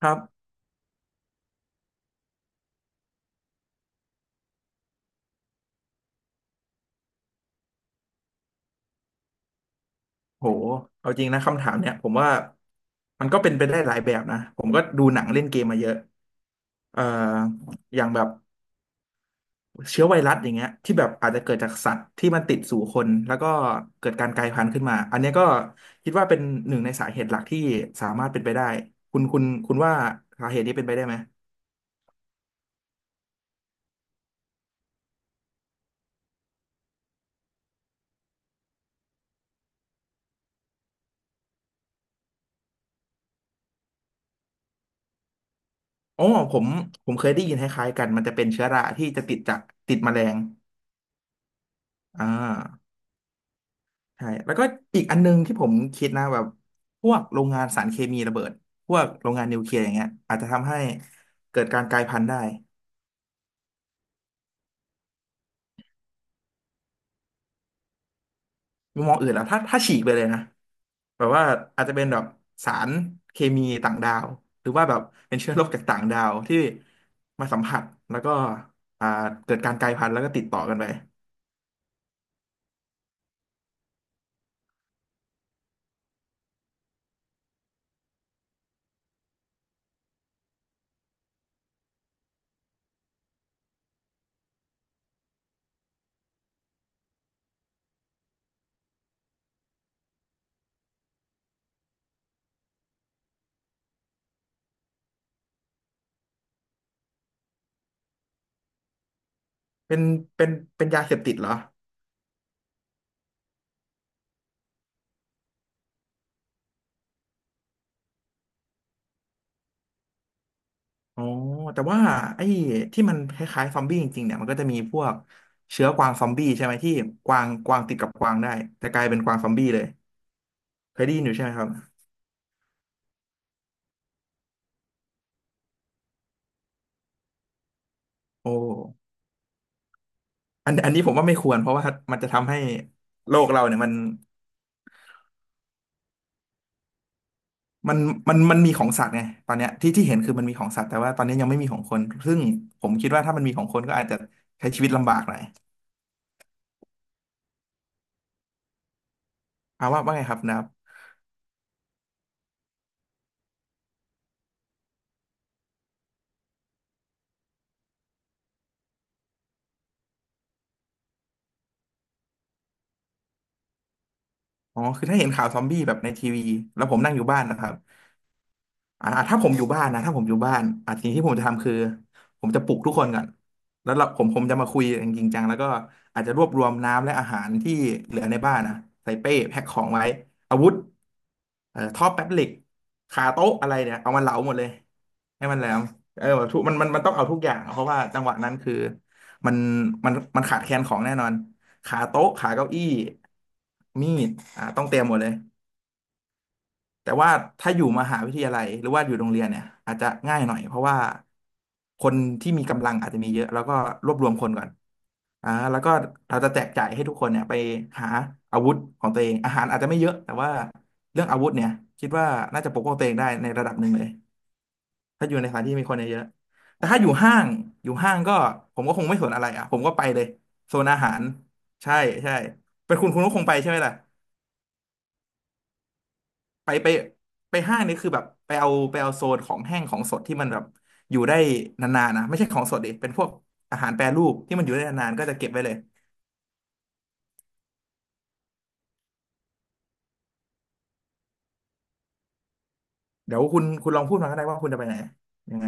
ครับโหเอาจริงนะคำถามเนี่ยผมว่า มันก็เป็นไปได้หลายแบบนะผมก็ดูหนังเล่นเกมมาเยอะเอ่ออย่างแบบเชื้อไวรัสอย่างเงี้ยที่แบบอาจจะเกิดจากสัตว์ที่มันติดสู่คน แล้วก็เกิดการกลายพันธุ์ขึ้นมา อันเนี้ยก็คิดว่าเป็นหนึ่งในสาเหตุหลักที่สามารถเป็นไปได้คุณว่าสาเหตุนี้เป็นไปได้ไหมอ๋อผมผมเคยได้ยินคล้ายๆกันมันจะเป็นเชื้อราที่จะติดจากติดแมลงอ่า ใช่แล้วก็อีกอันนึงที่ผมคิดนะแบบพวกโรงงานสารเคมีระเบิดพวกโรงงานนิวเคลียร์อย่างเงี้ยอาจจะทำให้เกิดการกลายพันธุ์ได้มุมมองอื่นแล้วถ้าฉีกไปเลยนะแบบว่าอาจจะเป็นแบบสารเคมีต่างดาวหรือว่าแบบเป็นเชื้อโรคจากต่างดาวที่มาสัมผัสแล้วก็อ่าเกิดการกลายพันธุ์แล้วก็ติดต่อกันไปเป็นเป็นเป็นยาเสพติดเหรอ อ๋อแต่ว่าไอ้ที่มันคล้ายๆซอมบี้จริงๆเนี่ยมันก็จะมีพวกเชื้อกวางซอมบี้ใช่ไหมที่กวางติดกับกวางได้แต่กลายเป็นกวางซอมบี้เลยเคยได้ยินอยู่ใช่ไหมครับโอ้อันนี้ผมว่าไม่ควรเพราะว่ามันจะทำให้โลกเราเนี่ยมันมันมันมีของสัตว์ไงตอนเนี้ยที่เห็นคือมันมีของสัตว์แต่ว่าตอนนี้ยังไม่มีของคนซึ่งผมคิดว่าถ้ามันมีของคนก็อาจจะใช้ชีวิตลำบากหน่อยเอาว่าไงครับนะครับอ๋อคือถ้าเห็นข่าวซอมบี้แบบในทีวีแล้วผมนั่งอยู่บ้านนะครับ อ่าถ้าผมอยู่บ้านนะถ้าผมอยู่บ้านสิ่งที่ผมจะทำคือผมจะปลุกทุกคนก่อนแล้วเราผมจะมาคุยกันจริงจังแล้วก็อาจจะรวบรวมน้ำและอาหารที่เหลือในบ้านนะใส่เป้แพ็คของไว้อาวุธท่อแป๊บเหล็กคาโต๊ะอะไรเนี่ยเอามันเหลาหมดเลยให้มันแหลมเออทุกมันต้องเอาทุกอย่างอะเพราะว่าจังหวะนั้นคือมันมันขาดแคลนของแน่นอนขาโต๊ะขาเก้าอี้มีดอ่าต้องเตรียมหมดเลย แต่ว่าถ้าอยู่มหาวิทยาลัยหรือว่าอยู่โรงเรียนเนี่ยอาจจะง่ายหน่อยเพราะว่าคนที่มีกำลังอาจจะมีเยอะแล้วก็รวบรวมคนก่อนอ่าแล้วก็เราจะแจกจ่ายให้ทุกคนเนี่ยไปหาอาวุธของตัวเองอาหารอาจจะไม่เยอะแต่ว่าเรื่องอาวุธเนี่ยคิดว่าน่าจะปกป้องตัวเองได้ในระดับหนึ่งเลยถ้าอยู่ในสถานที่มีคนเยอะๆแต่ถ้าอยู่ห้างอยู่ห้างก็ผมก็คงไม่สนอะไรอ่ะผมก็ไปเลยโซนอาหารใช่ใช่เป็นคุณก็คงไปใช่ไหมล่ะ ไปไปห้างนี่คือแบบไปเอาไปเอาโซนของแห้งของสดที่มันแบบอยู่ได้นานๆนะไม่ใช่ของสดดิเป็นพวกอาหารแปรรูปที่มันอยู่ได้นานๆก็จะเก็บไว้เลยเดี๋ยวคุณลองพูดมาก็ได้ว่าคุณจะไปไหนยังไง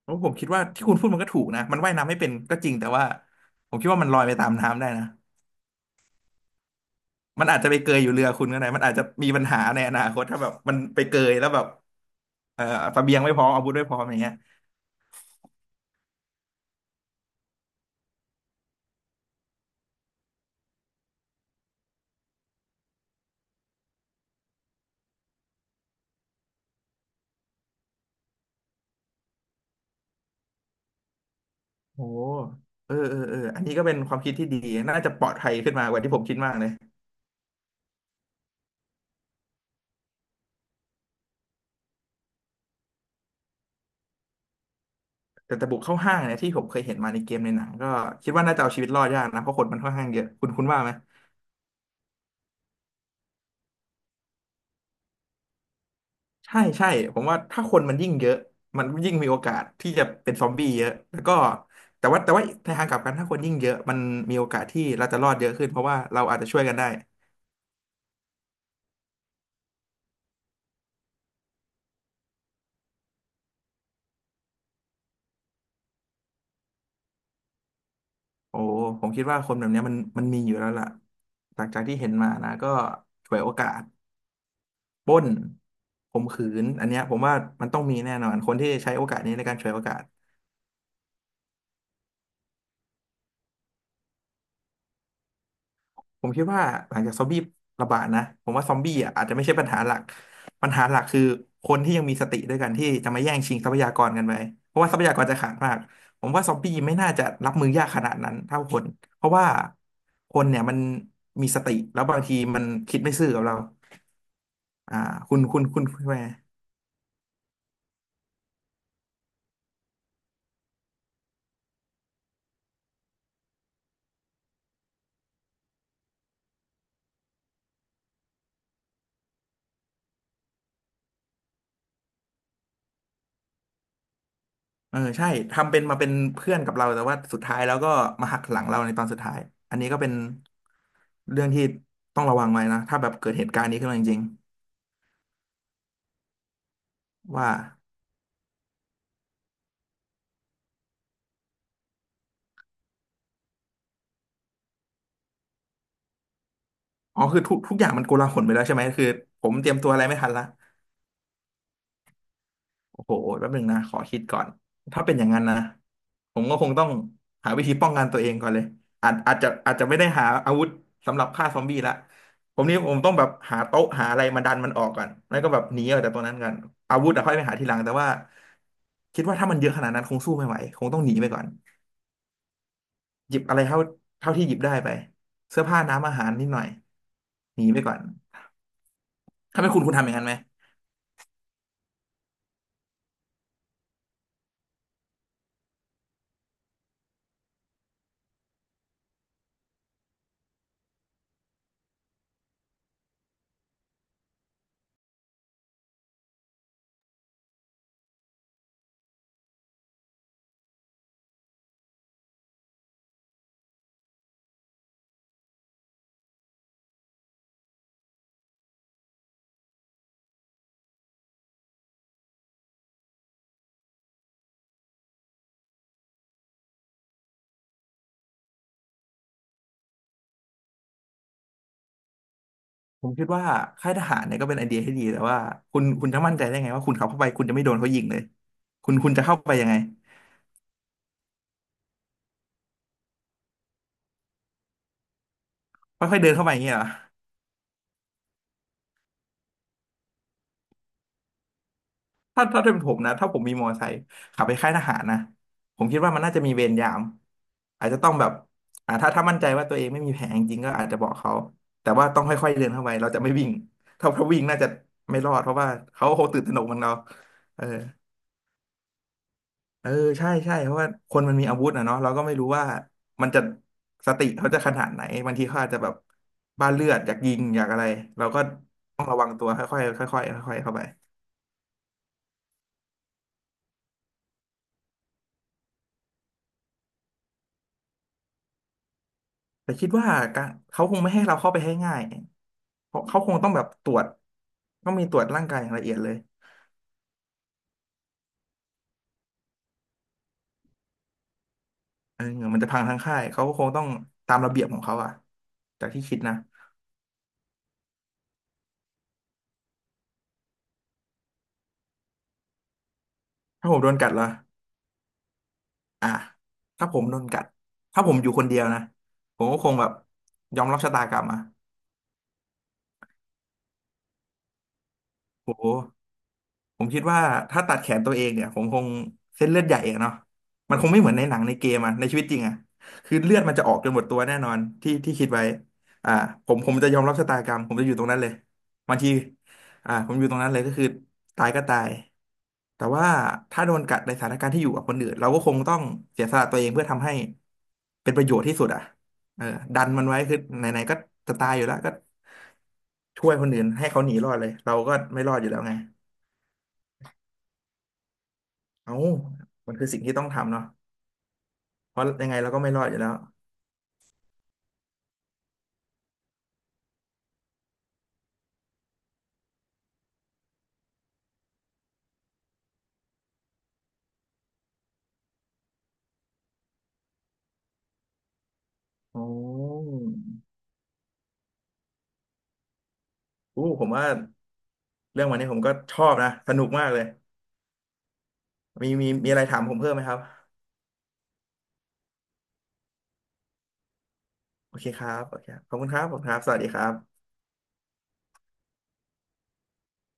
เพราะผมคิดว่าที่คุณพูดมันก็ถูกนะมันว่ายน้ำไม่เป็นก็จริงแต่ว่าผมคิดว่ามันลอยไปตามน้ำได้นะมันอาจจะไปเกยอยู่เรือคุณก็ได้มันอาจจะมีปัญหาในอนาคตถ้าแบบมันไปเกยแล้วแบบเอ่อเสบียงไม่พร้อมอาวุธไม่พร้อมอย่างเงี้ยโอ้เออเออเอออันนี้ก็เป็นความคิดที่ดีน่าจะปลอดภัยขึ้นมากว่าที่ผมคิดมากเลย แต่บุกเข้าห้างเนี่ยที่ผมเคยเห็นมาในเกมในหนังก็คิดว่าน่าจะเอาชีวิตรอดยากนะเพราะคนมันค่อนข้างเยอะคุณว่าไหมใช่ใช่ผมว่าถ้าคนมันยิ่งเยอะมันยิ่งมีโอกาสที่จะเป็นซอมบี้เยอะแล้วก็แต่ว่าในทางกลับกันถ้าคนยิ่งเยอะมันมีโอกาสที่เราจะรอดเยอะขึ้นเพราะว่าเราอาจจะช่วยกันได้โอ้ผมคิดว่าคนแบบเนี้ยมันมีอยู่แล้วล่ะหลังจากที่เห็นมานะก็ฉวยโอกาสปล้นข่มขืนอันเนี้ยผมว่ามันต้องมีแน่นอนคนที่ใช้โอกาสนี้ในการฉวยโอกาส ผมคิดว่าหลังจากซอมบี้ระบาดนะผมว่าซอมบี้อ่ะอาจจะไม่ใช่ปัญหาหลักปัญหาหลักคือคนที่ยังมีสติด้วยกันที่จะมาแย่งชิงทรัพยากรกันไปเพราะว่าทรัพยากรจะขาดมากผมว่าซอมบี้ไม่น่าจะรับมือยากขนาดนั้นเท่าคนเพราะว่าคนเนี่ยมันมีสติแล้วบางทีมันคิดไม่ซื่อกับเราอ่าคุณแม่เออใช่ทำเป็นมาเป็นเพื่อนกับเราแต่ว่าสุดท้ายแล้วก็มาหักหลังเราในตอนสุดท้ายอันนี้ก็เป็นเรื่องที่ต้องระวังไว้นะถ้าแบบเกิดเหตุการณ์นี้ขึ้นมาจริงๆว่า อ๋อคือทุกอย่างมันโกลาหลไปแล้วใช่ไหมคือผมเตรียมตัวอะไรไม่ทันละโอ้โหแป๊บหนึ่งนะขอคิดก่อนถ้าเป็นอย่างนั้นนะผมก็คงต้องหาวิธีป้องกันตัวเองก่อนเลยอาจจะไม่ได้หาอาวุธสำหรับฆ่าซอมบี้ละผมนี่ผมต้องแบบหาโต๊ะหาอะไรมาดันมันออกก่อนแล้วก็แบบหนีออกจากตรงนั้นกันอาวุธอะค่อยไปหาทีหลังแต่ว่าคิดว่าถ้ามันเยอะขนาดนั้นคงสู้ไม่ไหวคงต้องหนีไปก่อนหยิบอะไรเท่าที่หยิบได้ไปเสื้อผ้าน้ำอาหารนิดหน่อยหนีไปก่อนถ้าเป็นคุณทำอย่างนั้นไหม ผมคิดว่าค่ายทหารเนี่ยก็เป็นไอเดียที่ดีแต่ว่าคุณจะมั่นใจได้ไงว่าคุณขับเข้าไปคุณจะไม่โดนเขายิงเลยคุณจะเข้าไปยังไงค่อยๆเดินเข้าไปอย่างเงี้ยเหรอถ้าเป็นผมนะถ้าผมมีมอเตอร์ไซค์ขับไปค่ายทหารนะผมคิดว่ามันน่าจะมีเวรยามอาจจะต้องแบบถ้ามั่นใจว่าตัวเองไม่มีแผลจริงๆก็อาจจะบอกเขาแต่ว่าต้องค่อยๆเดินเข้าไปเราจะไม่วิ่งถ้าวิ่งน่าจะไม่รอดเพราะว่าเขาคงตื่นตระหนกเหมือนเราเออ เออใช่ใช่เพราะว่าคนมันมีอาวุธนะเนาะเราก็ไม่รู้ว่ามันจะสติเขาจะขนาดไหนบางทีเขาอาจจะแบบบ้าเลือดอยากยิงอยากอะไรเราก็ต้องระวังตัวค่อยๆค่อยๆค่อยๆเข้าไปแต่คิดว่าการเขาคงไม่ให้เราเข้าไปให้ง่ายเพราะเขาคงต้องแบบตรวจต้องมีตรวจร่างกายอย่างละเอียดเลยเออมันจะพังทั้งค่ายเขาก็คงต้องตามระเบียบของเขาอะจากที่คิดนะถ้าผมโดนกัดเหรออ่ะถ้าผมโดนกัดถ้าผมอยู่คนเดียวนะผมก็คงแบบยอมรับชะตากรรมอะ โอ้โหผมคิดว่าถ้าตัดแขนตัวเองเนี่ยผมคงเส้นเลือดใหญ่อะเนาะมันคงไม่เหมือนในหนังในเกมอะในชีวิตจริงอะคือเลือดมันจะออกจนหมดตัวแน่นอนที่ที่คิดไว้อ่าผมจะยอมรับชะตากรรมผมจะอยู่ตรงนั้นเลยบางทีอ่าผมอยู่ตรงนั้นเลยก็คือตายก็ตายแต่ว่าถ้าโดนกัดในสถานการณ์ที่อยู่กับคนอื่นเราก็คงต้องเสียสละตัวเองเพื่อทำให้เป็นประโยชน์ที่สุดอะเออดันมันไว้คือไหนๆก็จะตายอยู่แล้วก็ช่วยคนอื่นให้เขาหนีรอดเลยเราก็ไม่รอดอยู่แล้วไง เอ้ามันคือสิ่งที่ต้องทำเนาะเพราะยังไงเราก็ไม่รอดอยู่แล้วโอ้อู้ผมว่าเรื่องวันนี้ผมก็ชอบนะ สนุกมากเลย มีอะไรถามผมเพิ่มไหมครับ โอเคครับโอเคครับขอบคุณครับ ขอบคุณครับ สวัสดีครับ